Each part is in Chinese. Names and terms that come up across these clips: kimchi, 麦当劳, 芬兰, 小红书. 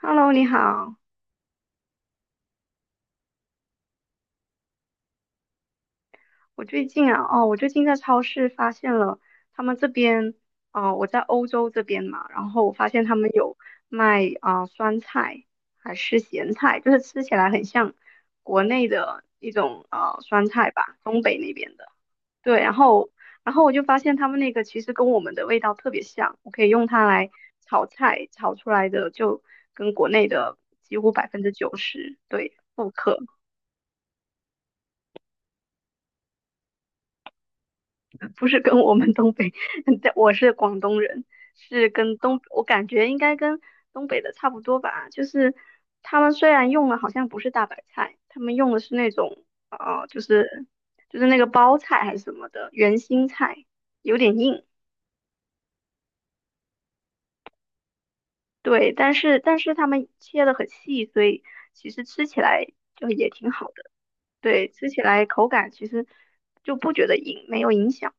Hello，你好。我最近在超市发现了他们这边，我在欧洲这边嘛，然后我发现他们有卖酸菜还是咸菜，就是吃起来很像国内的一种酸菜吧，东北那边的。对，然后我就发现他们那个其实跟我们的味道特别像，我可以用它来炒菜，炒出来的就跟国内的几乎90%对复刻。不是跟我们东北，但我是广东人，是跟东，我感觉应该跟东北的差不多吧。就是他们虽然用的好像不是大白菜，他们用的是那种呃，就是就是那个包菜还是什么的圆心菜，有点硬。对，但是他们切的很细，所以其实吃起来就也挺好的。对，吃起来口感其实就不觉得硬，没有影响。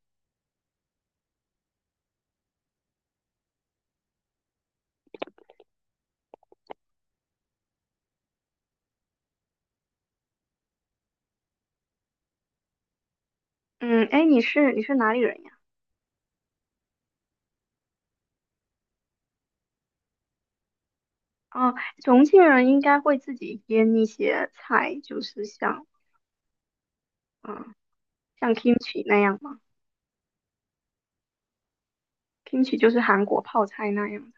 嗯，哎，你是哪里人呀？哦，重庆人应该会自己腌一些菜，就是嗯像 kimchi 那样嘛。 k i m c h i 就是韩国泡菜那样的。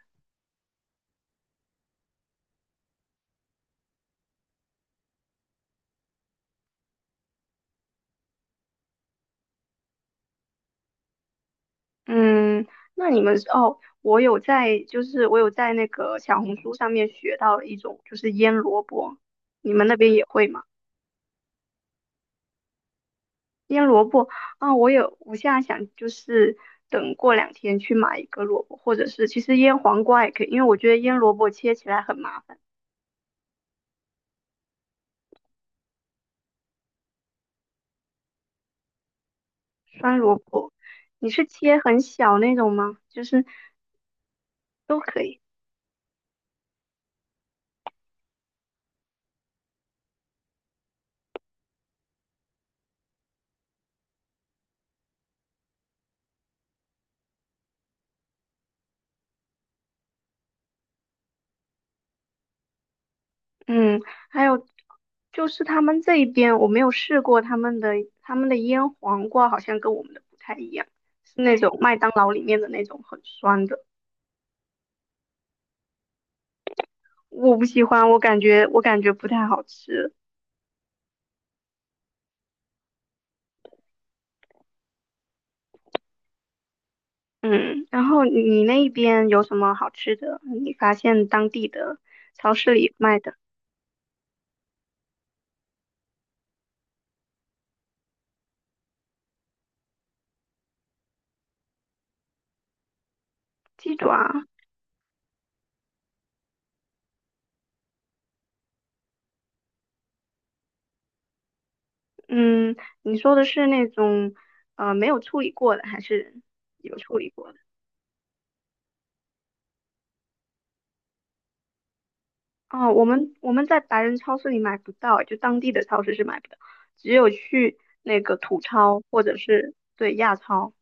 嗯，那你们是哦，我有在那个小红书上面学到了一种就是腌萝卜，你们那边也会吗？腌萝卜啊，我有，我现在想就是等过2天去买一个萝卜，或者是其实腌黄瓜也可以，因为我觉得腌萝卜切起来很麻烦。酸萝卜，你是切很小那种吗？就是都可以。嗯，还有就是他们这一边我没有试过他们的腌黄瓜，好像跟我们的不太一样，是那种麦当劳里面的那种很酸的，我不喜欢，我感觉不太好吃。嗯，然后你那边有什么好吃的？你发现当地的超市里卖的鸡爪？嗯，你说的是那种没有处理过的，还是有处理过的？哦，我们在白人超市里买不到，就当地的超市是买不到，只有去那个土超或者是对亚超。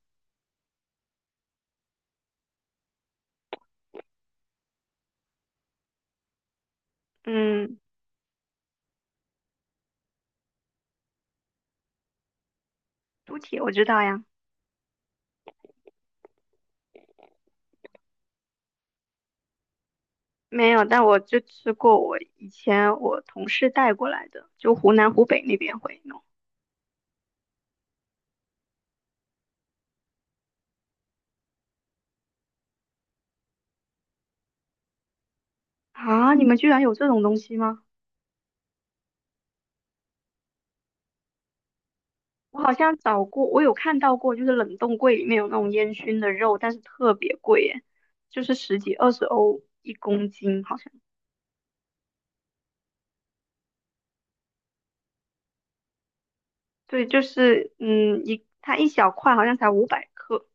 嗯，猪蹄我知道呀。没有，但我就吃过我以前我同事带过来的，就湖南湖北那边会弄。啊，你们居然有这种东西吗？我好像找过，我有看到过，就是冷冻柜里面有那种烟熏的肉，但是特别贵耶，就是十几二十欧一公斤，好像。对，就是它一小块好像才500克，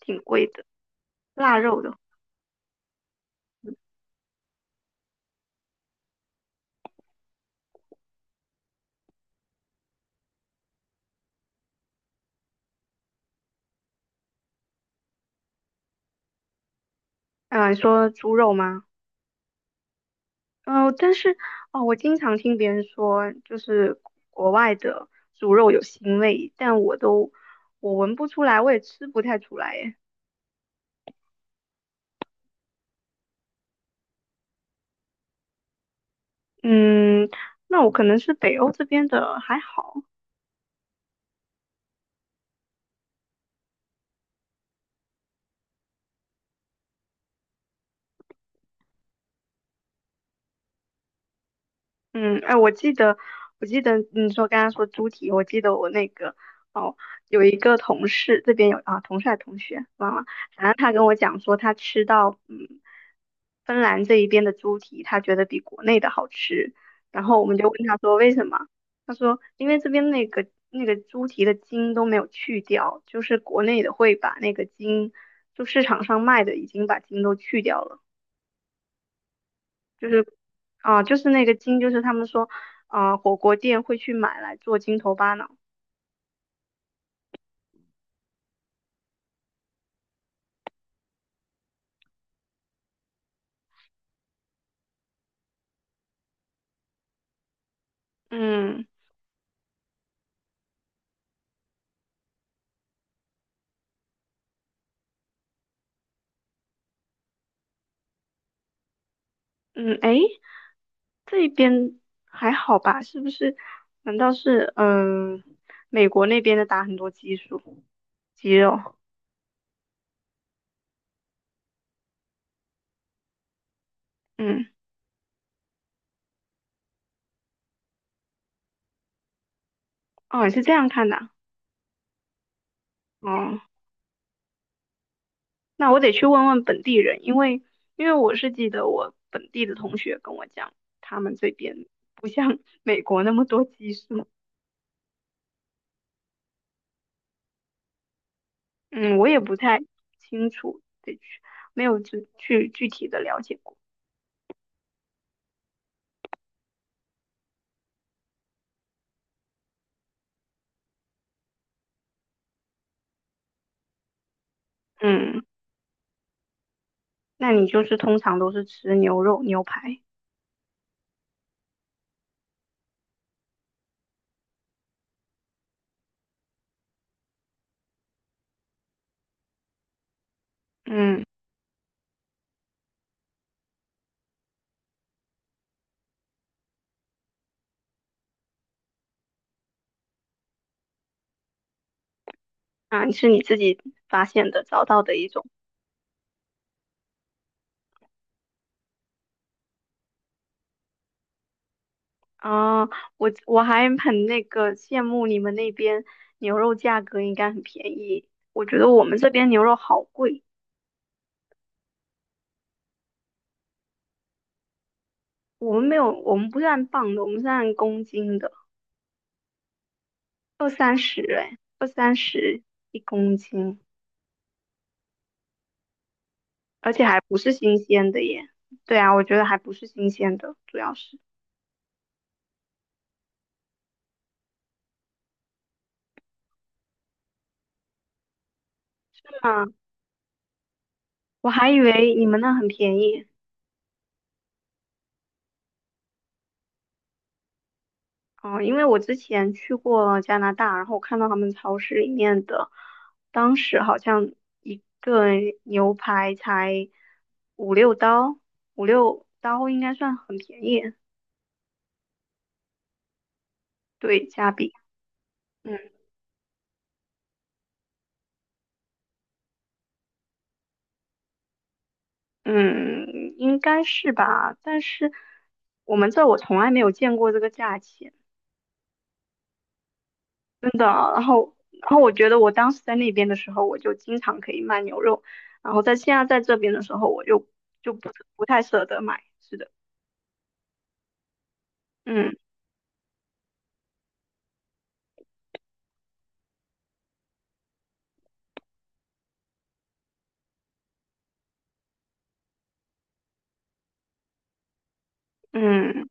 挺贵的。腊肉的。嗯、你说猪肉吗？嗯、但是哦，我经常听别人说，就是国外的猪肉有腥味，但我都我闻不出来，我也吃不太出来耶。嗯，那我可能是北欧这边的还好。嗯，哎，我记得你说刚刚说猪蹄。我记得我那个哦，有一个同事这边有啊，同事还是同学忘了，反正他跟我讲说他吃到芬兰这一边的猪蹄，他觉得比国内的好吃，然后我们就问他说为什么，他说因为这边那个猪蹄的筋都没有去掉，就是国内的会把那个筋，就市场上卖的已经把筋都去掉了。啊，就是那个筋，就是他们说，啊，火锅店会去买来做筋头巴脑。嗯嗯，诶，这边还好吧？是不是？难道是美国那边的打很多激素肌肉？嗯，哦，你是这样看的啊。哦，那我得去问问本地人，因为我是记得我本地的同学跟我讲，他们这边不像 美国那么多激素。嗯，我也不太清楚，得去，没有具体的了解过。嗯，那你就是通常都是吃牛肉、牛排。嗯，啊，是你自己发现的、找到的一种。啊，我还很那个羡慕你们那边牛肉价格应该很便宜，我觉得我们这边牛肉好贵，我们没有，我们不是按磅的，我们是按公斤的，二三十一公斤。而且还不是新鲜的耶。对啊，我觉得还不是新鲜的，主要是。啊，我还以为你们那很便宜。哦，因为我之前去过加拿大，然后我看到他们超市里面的，当时好像一个牛排才五六刀，五六刀应该算很便宜。对，加币。嗯嗯，应该是吧，但是我们这儿我从来没有见过这个价钱。真的，然后，我觉得我当时在那边的时候，我就经常可以卖牛肉，然后在现在在这边的时候，我就就不不太舍得买。是的。嗯嗯，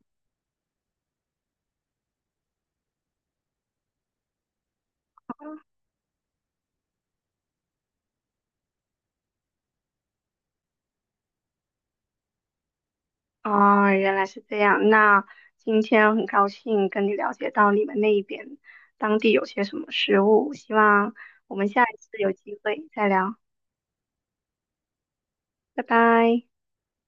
啊、原来是这样。那今天很高兴跟你了解到你们那一边当地有些什么食物，希望我们下一次有机会再聊，拜拜。